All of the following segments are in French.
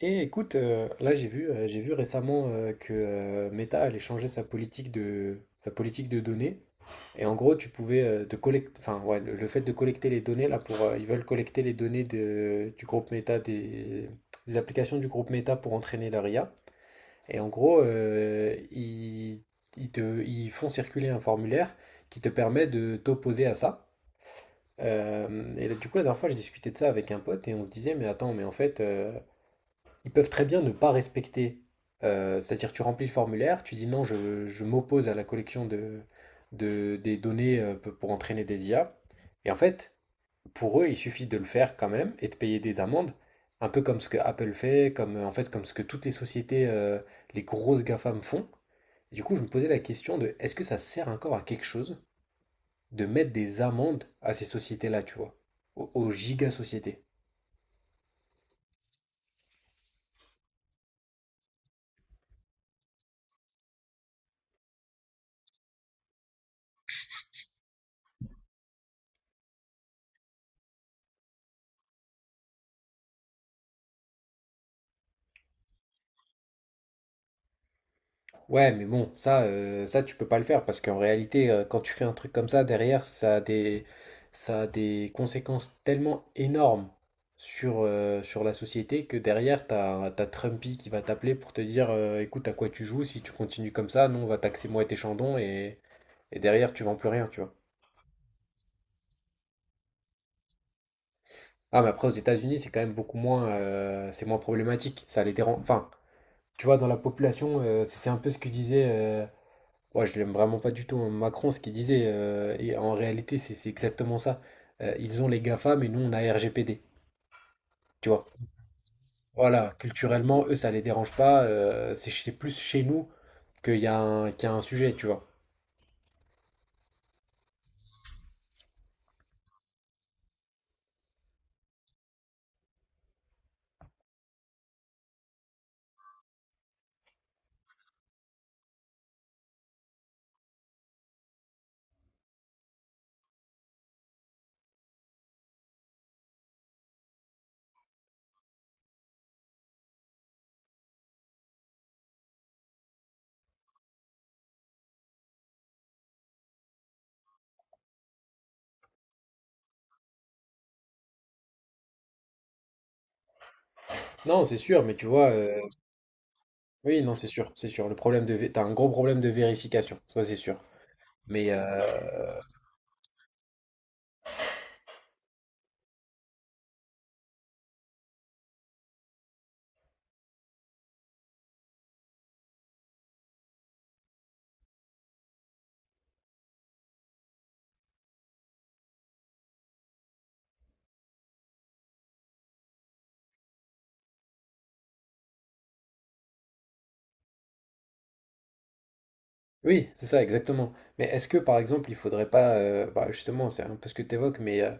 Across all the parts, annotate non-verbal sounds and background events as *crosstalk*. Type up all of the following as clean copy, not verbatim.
Et écoute, là j'ai vu récemment que Meta allait changer sa politique sa politique de données. Et en gros, tu pouvais enfin ouais, le fait de collecter les données là pour, ils veulent collecter les données du groupe Meta des applications du groupe Meta pour entraîner leur IA. Et en gros, ils te, ils font circuler un formulaire qui te permet de t'opposer à ça. Et là, du coup, la dernière fois, je discutais de ça avec un pote et on se disait, mais attends, mais en fait, ils peuvent très bien ne pas respecter. C'est-à-dire, tu remplis le formulaire, tu dis non, je m'oppose à la collection de, des données pour entraîner des IA. Et en fait, pour eux, il suffit de le faire quand même et de payer des amendes, un peu comme ce que Apple fait, en fait, comme ce que toutes les sociétés, les grosses GAFAM font. Et du coup, je me posais la question de est-ce que ça sert encore à quelque chose de mettre des amendes à ces sociétés-là, tu vois, aux giga-sociétés? Ouais, mais bon, ça tu peux pas le faire parce qu'en réalité, quand tu fais un truc comme ça, derrière, ça a des conséquences tellement énormes sur la société que derrière, t'as Trumpy qui va t'appeler pour te dire, écoute, à quoi tu joues, si tu continues comme ça, nous, on va taxer moi et tes chandons et derrière, tu vends plus rien, tu vois. Ah, mais après, aux États-Unis, c'est quand même beaucoup moins, c'est moins problématique. Ça les dérange. Enfin, tu vois, dans la population, c'est un peu ce que disait, ouais, je l'aime vraiment pas du tout, hein, Macron, ce qu'il disait, et en réalité, c'est exactement ça. Ils ont les GAFA, mais nous, on a RGPD. Tu vois. Voilà, culturellement, eux, ça les dérange pas. C'est plus chez nous qu'il y a qu'il y a un sujet, tu vois. Non, c'est sûr, mais tu vois, oui, non, c'est sûr, c'est sûr. Le problème de, t'as un gros problème de vérification, ça c'est sûr. Mais oui, c'est ça, exactement. Mais est-ce que, par exemple, il faudrait pas, bah, justement, c'est un peu ce que tu évoques, mais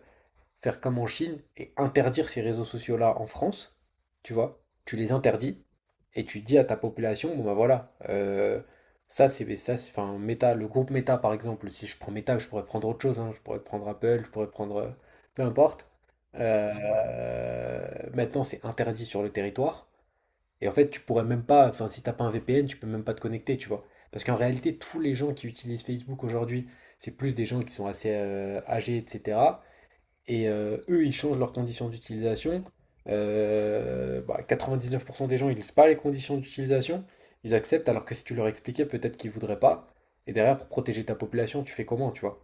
faire comme en Chine et interdire ces réseaux sociaux-là en France, tu vois, tu les interdis et tu dis à ta population, bon bah voilà, enfin Meta, le groupe Meta par exemple, si je prends Meta, je pourrais prendre autre chose, hein, je pourrais prendre Apple, je pourrais prendre peu importe. Euh, maintenant c'est interdit sur le territoire et en fait tu pourrais même pas, enfin si t'as pas un VPN, tu peux même pas te connecter, tu vois. Parce qu'en réalité, tous les gens qui utilisent Facebook aujourd'hui, c'est plus des gens qui sont assez âgés, etc. et eux, ils changent leurs conditions d'utilisation. Bah, 99% des gens, ils lisent pas les conditions d'utilisation. Ils acceptent, alors que si tu leur expliquais, peut-être qu'ils voudraient pas. Et derrière, pour protéger ta population, tu fais comment, tu vois?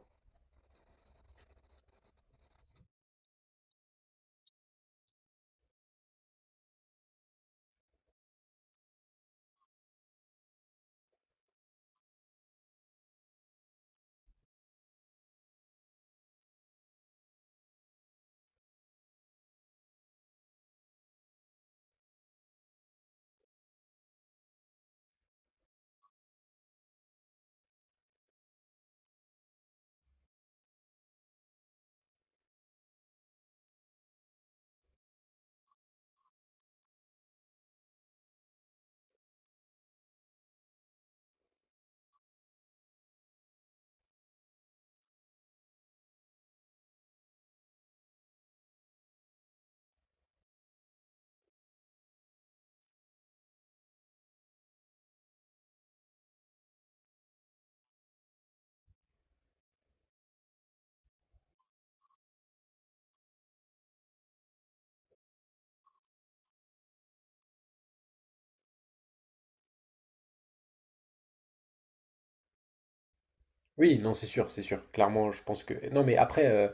Oui, non, c'est sûr, c'est sûr. Clairement, je pense que. Non, mais après, euh,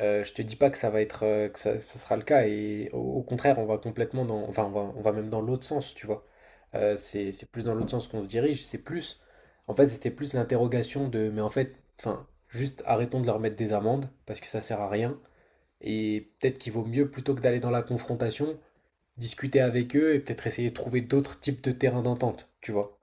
euh, je te dis pas que ça va être, que ça sera le cas. Et au contraire, on va complètement dans, enfin, on va même dans l'autre sens, tu vois. C'est plus dans l'autre sens qu'on se dirige. C'est plus, en fait, c'était plus l'interrogation de, mais en fait, enfin, juste arrêtons de leur mettre des amendes parce que ça sert à rien. Et peut-être qu'il vaut mieux plutôt que d'aller dans la confrontation, discuter avec eux et peut-être essayer de trouver d'autres types de terrains d'entente, tu vois.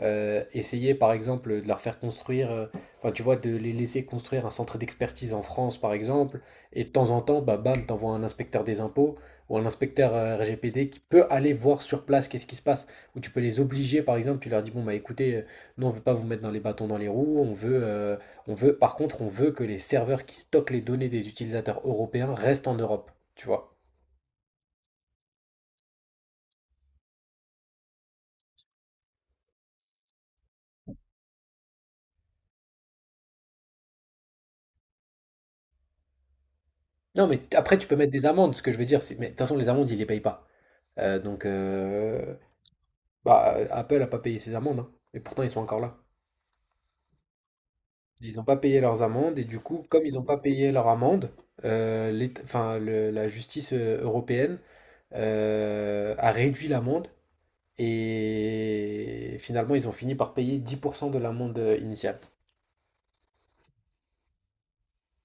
Essayer par exemple de leur faire construire, enfin tu vois, de les laisser construire un centre d'expertise en France par exemple, et de temps en temps, bah bam, t'envoies un inspecteur des impôts ou un inspecteur RGPD qui peut aller voir sur place qu'est-ce qui se passe, ou tu peux les obliger par exemple, tu leur dis bon bah écoutez, nous on veut pas vous mettre dans les bâtons dans les roues, on veut, par contre on veut que les serveurs qui stockent les données des utilisateurs européens restent en Europe, tu vois. Non mais t- après tu peux mettre des amendes, ce que je veux dire, c'est, mais de toute façon les amendes ils les payent pas. Euh, donc, euh, Bah, Apple a pas payé ses amendes, hein. Et pourtant, ils sont encore là. Ils n'ont pas payé leurs amendes, et du coup, comme ils n'ont pas payé leur amende, l'État- enfin, le- la justice européenne a réduit l'amende, et finalement, ils ont fini par payer 10% de l'amende initiale.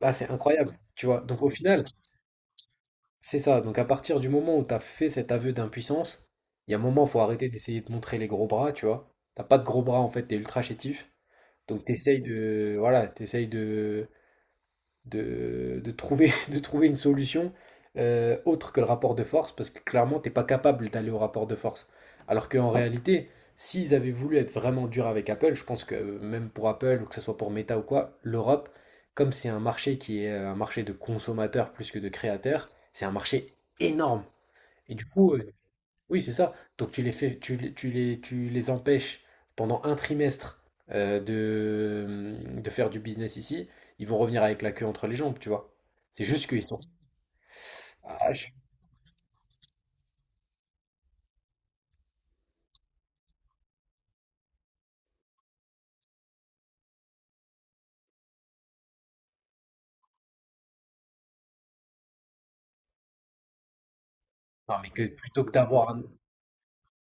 Ah, c'est incroyable, tu vois. Donc, au final, c'est ça. Donc, à partir du moment où tu as fait cet aveu d'impuissance, il y a un moment, faut arrêter d'essayer de montrer les gros bras, tu vois. T'as pas de gros bras, en fait, t'es ultra chétif. Donc, t'essayes de, voilà, de trouver, *laughs* de trouver une solution autre que le rapport de force, parce que clairement, t'es pas capable d'aller au rapport de force. Alors qu'en réalité, s'ils avaient voulu être vraiment durs avec Apple, je pense que même pour Apple, ou que ce soit pour Meta ou quoi, l'Europe, comme c'est un marché qui est un marché de consommateurs plus que de créateurs, c'est un marché énorme. Et du coup, oui, c'est ça. Donc tu les fais, tu, les- tu les, tu les empêches pendant un trimestre de faire du business ici. Ils vont revenir avec la queue entre les jambes, tu vois. C'est juste qu'ils sont. Ah, je- Non, mais que plutôt que d'avoir un-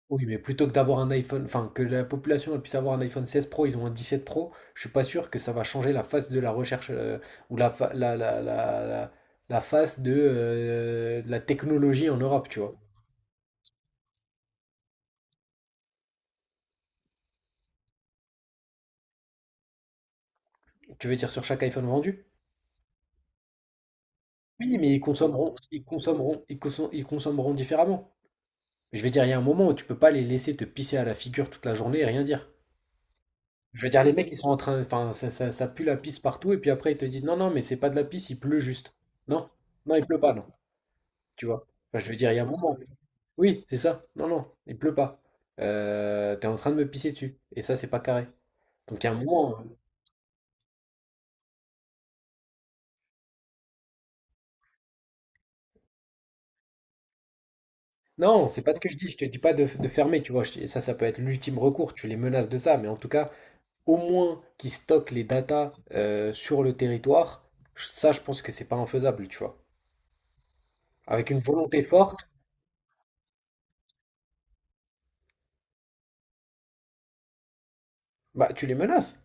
Oui, mais plutôt que d'avoir un iPhone, enfin que la population elle puisse avoir un iPhone 16 Pro, ils ont un 17 Pro, je suis pas sûr que ça va changer la face de la recherche ou la, fa- la- la face de la technologie en Europe, tu vois. Tu veux dire sur chaque iPhone vendu? Oui, mais ils consommeront différemment. Je veux dire, il y a un moment où tu peux pas les laisser te pisser à la figure toute la journée et rien dire. Je veux dire, les mecs, ils sont en train, enfin, ça pue la pisse partout, et puis après, ils te disent, non, non, mais c'est pas de la pisse, il pleut juste. Non, non, il pleut pas, non. Tu vois? Enfin, je veux dire, il y a un moment. Oui, c'est ça. Non, non, il pleut pas. T'es en train de me pisser dessus. Et ça, c'est pas carré. Donc, il y a un moment. Non, c'est pas ce que je dis. Je te dis pas de fermer, tu vois. Je- Ça peut être l'ultime recours. Tu les menaces de ça. Mais en tout cas, au moins qu'ils stockent les datas sur le territoire, je- ça, je pense que c'est pas infaisable, tu vois. Avec une volonté forte, bah, tu les menaces.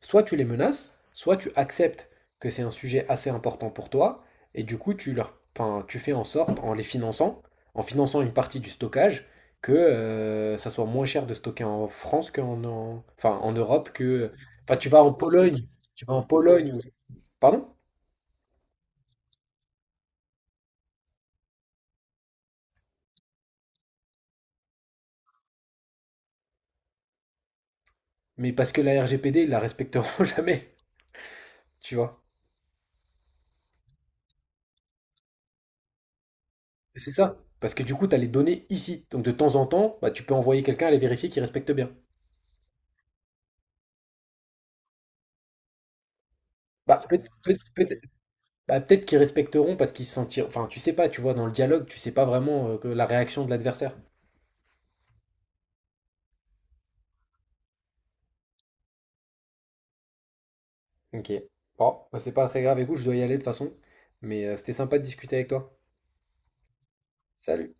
Soit tu les menaces, soit tu acceptes que c'est un sujet assez important pour toi, et du coup, enfin, tu fais en sorte, en les finançant, en finançant une partie du stockage, que ça soit moins cher de stocker en France enfin, en Europe que enfin, tu vas en Pologne, tu vas en Pologne, ou- pardon, mais parce que la RGPD, ils la respecteront *laughs* jamais, tu vois. Et c'est ça. Parce que du coup, tu as les données ici. Donc de temps en temps, bah, tu peux envoyer quelqu'un aller vérifier qu'ils respectent bien. Bah, peut- peut- peut- Bah, peut-être qu'ils respecteront parce qu'ils se sentiront. Enfin, tu sais pas, tu vois, dans le dialogue, tu sais pas vraiment que la réaction de l'adversaire. Ok. Bon, bah, c'est pas très grave. Écoute, je dois y aller de toute façon. Mais c'était sympa de discuter avec toi. Salut!